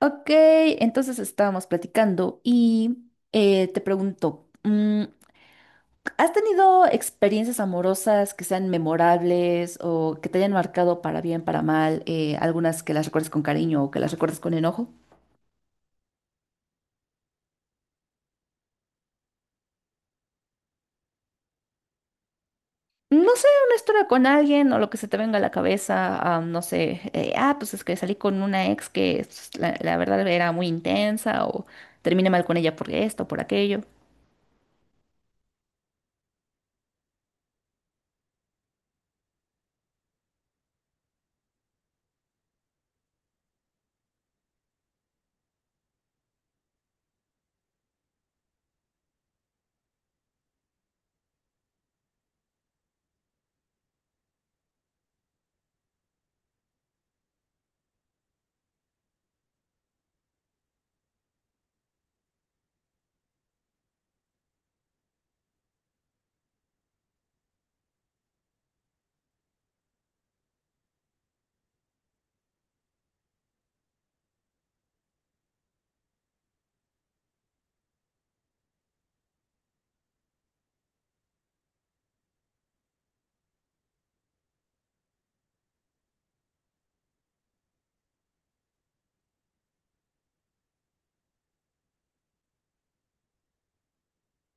Ok, entonces estábamos platicando y te pregunto, ¿has tenido experiencias amorosas que sean memorables o que te hayan marcado para bien, para mal, algunas que las recuerdes con cariño o que las recuerdes con enojo? No sé, una historia con alguien o lo que se te venga a la cabeza, no sé, pues es que salí con una ex que pues, la verdad era muy intensa o terminé mal con ella por esto, por aquello.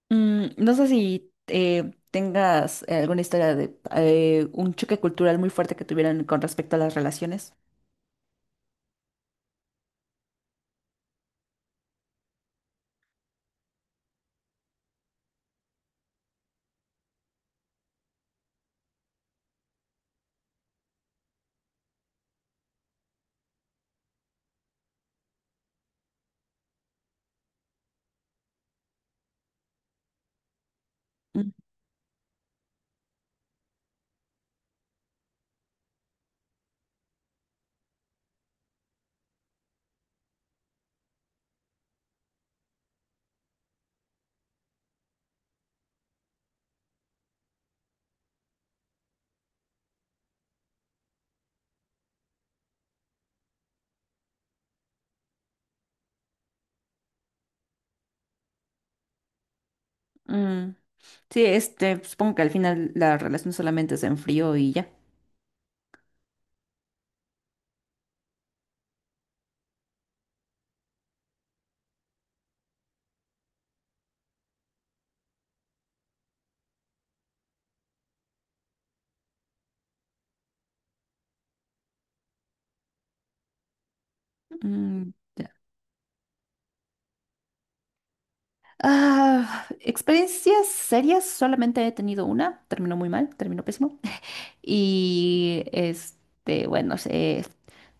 Mm, no sé si tengas alguna historia de un choque cultural muy fuerte que tuvieran con respecto a las relaciones. Mm, mm. Sí, este, supongo que al final la relación solamente se enfrió y ya. Mm, ya. Ah, experiencias serias, solamente he tenido una, terminó muy mal, terminó pésimo. Y este, bueno, sé,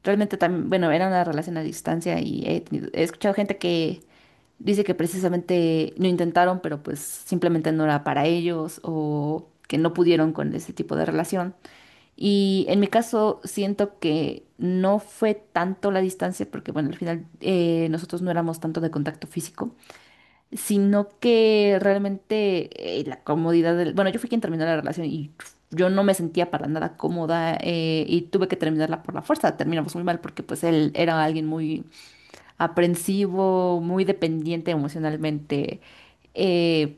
realmente también, bueno, era una relación a distancia y he escuchado gente que dice que precisamente lo intentaron, pero pues simplemente no era para ellos o que no pudieron con ese tipo de relación. Y en mi caso siento que no fue tanto la distancia, porque bueno, al final nosotros no éramos tanto de contacto físico, sino que realmente la comodidad del... Bueno, yo fui quien terminó la relación y yo no me sentía para nada cómoda, y tuve que terminarla por la fuerza. Terminamos muy mal porque pues él era alguien muy aprensivo, muy dependiente emocionalmente. eh,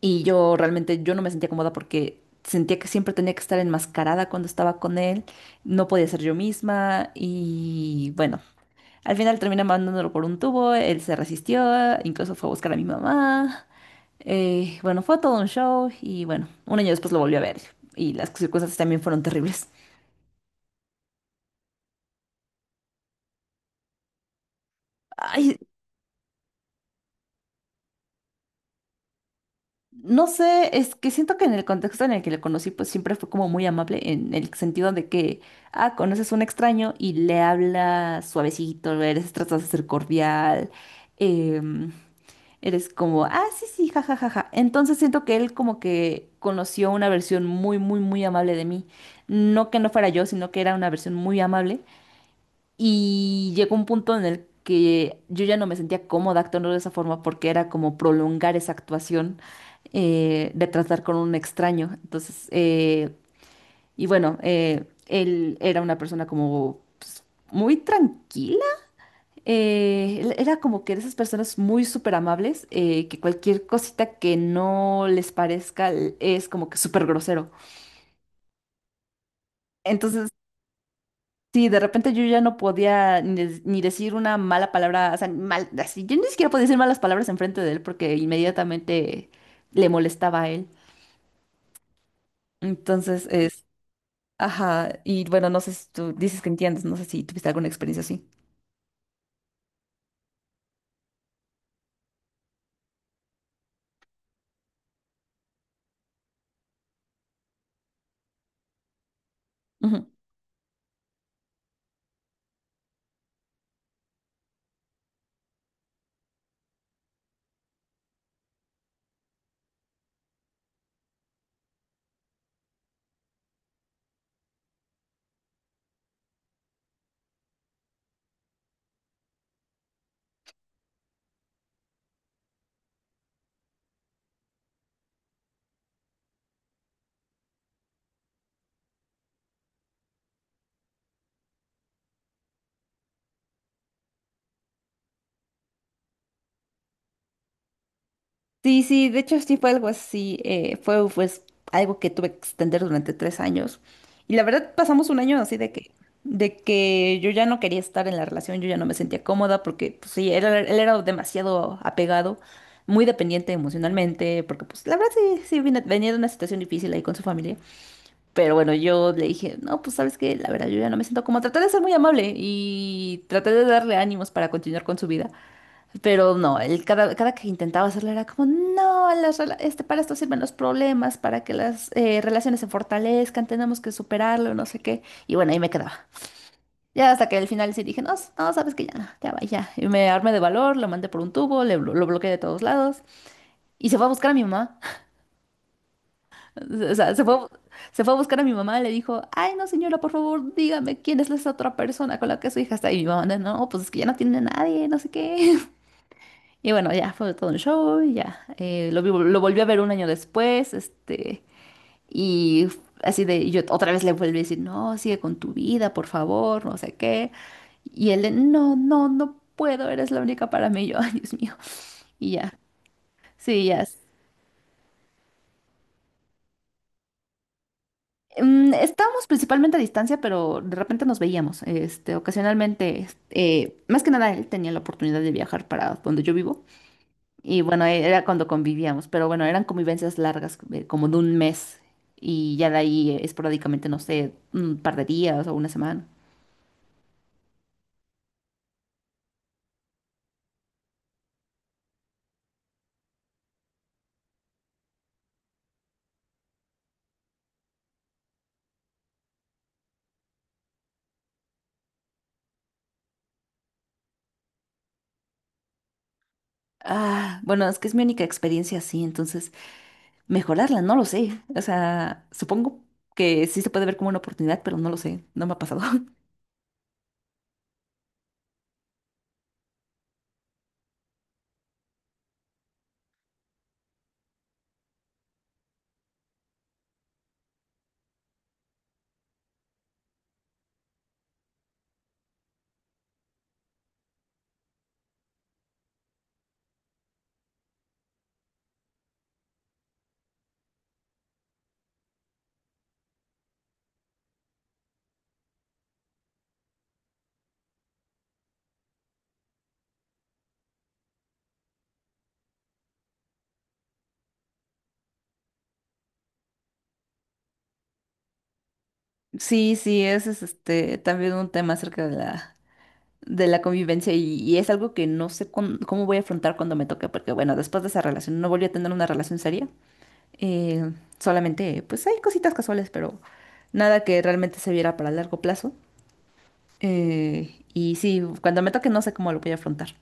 y yo realmente yo no me sentía cómoda porque sentía que siempre tenía que estar enmascarada cuando estaba con él, no podía ser yo misma y bueno, al final terminé mandándolo por un tubo, él se resistió, incluso fue a buscar a mi mamá. Bueno fue todo un show y bueno, un año después lo volví a ver y las circunstancias también fueron terribles. Ay, no sé, es que siento que en el contexto en el que le conocí, pues siempre fue como muy amable en el sentido de que, conoces a un extraño y le hablas suavecito, eres, tratas de ser cordial, em, eres como, ah, sí, sí, ja, ja, ja, ja. Entonces siento que él como que conoció una versión muy amable de mí. No que no fuera yo, sino que era una versión muy amable. Y llegó un punto en el que yo ya no me sentía cómoda actuando de esa forma porque era como prolongar esa actuación de tratar con un extraño. Entonces, él era una persona como pues, muy tranquila. Él era como que de esas personas muy súper amables que cualquier cosita que no les parezca es como que súper grosero. Entonces, sí, de repente yo ya no podía ni, ni decir una mala palabra, o sea, mal, así, yo ni siquiera podía decir malas palabras enfrente de él porque inmediatamente le molestaba a él. Entonces es, ajá, y bueno, no sé si tú dices que entiendes, no sé si tuviste alguna experiencia así. Sí, de hecho sí fue algo así, fue pues algo que tuve que extender durante 3 años. Y la verdad pasamos un año así de que yo ya no quería estar en la relación, yo ya no me sentía cómoda porque pues, sí, él era demasiado apegado, muy dependiente emocionalmente, porque pues la verdad sí, sí venía de una situación difícil ahí con su familia. Pero bueno, yo le dije, no, pues sabes que la verdad yo ya no me siento cómoda, traté de ser muy amable y traté de darle ánimos para continuar con su vida. Pero no, él cada que intentaba hacerlo era como, no, para esto sirven los problemas, para que las relaciones se fortalezcan, tenemos que superarlo, no sé qué. Y bueno, ahí me quedaba. Ya hasta que al final sí dije, no, no, sabes que ya, no, ya va, ya. Y me armé de valor, lo mandé por un tubo, lo bloqueé de todos lados y se fue a buscar a mi mamá. O sea, se fue, se fue a buscar a mi mamá, le dijo, ay, no, señora, por favor, dígame quién es esa otra persona con la que su hija está. Y mi mamá, no, pues es que ya no tiene a nadie, no sé qué. Y bueno, ya fue todo un show, y ya. Lo volví a ver un año después, este, y así de, y yo otra vez le volví a decir, no, sigue con tu vida, por favor, no sé qué. Y él, de, no puedo, eres la única para mí. Y yo, ay, Dios mío. Y ya, sí, ya. Mm, estábamos principalmente a distancia, pero de repente nos veíamos, este, ocasionalmente, este, más que nada él tenía la oportunidad de viajar para donde yo vivo. Y bueno, e, era cuando convivíamos, pero bueno, eran convivencias largas, como de un mes. Y ya de ahí esporádicamente, no sé, un par de días o una semana. Ah, bueno, es que es mi única experiencia así, entonces mejorarla, no lo sé. O sea, supongo que sí se puede ver como una oportunidad, pero no lo sé, no me ha pasado. Sí, sí, ese es este también un tema acerca de la convivencia y es algo que no sé cómo voy a afrontar cuando me toque, porque bueno, después de esa relación no volví a tener una relación seria. Eh, Solamente, pues hay cositas casuales, pero nada que realmente se viera para largo plazo. Y sí, cuando me toque no sé cómo lo voy a afrontar.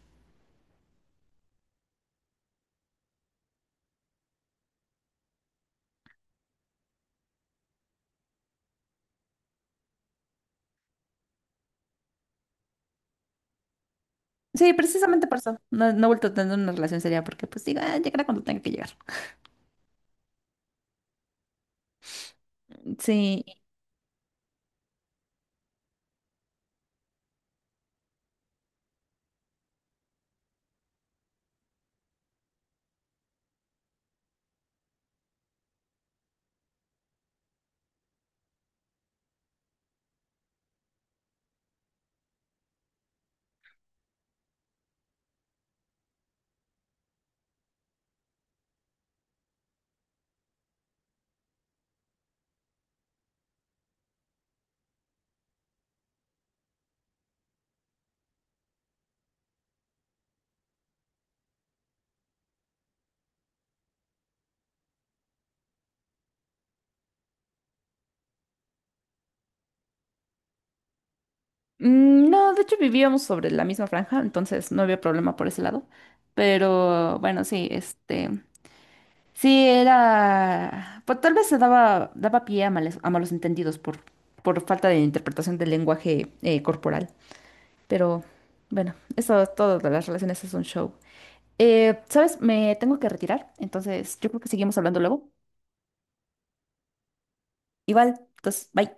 Sí, precisamente por eso. No, no he vuelto a tener una relación seria porque pues diga, "Ah, llegará cuando tenga que llegar. Sí. Mm, no, de hecho vivíamos sobre la misma franja, entonces no había problema por ese lado. Pero bueno, sí, este... Sí, era... Pues tal vez se daba, daba pie a a malos entendidos por falta de interpretación del lenguaje corporal. Pero bueno, eso es todo de las relaciones, es un show. ¿Sabes? Me tengo que retirar, entonces yo creo que seguimos hablando luego. Igual, pues, bye.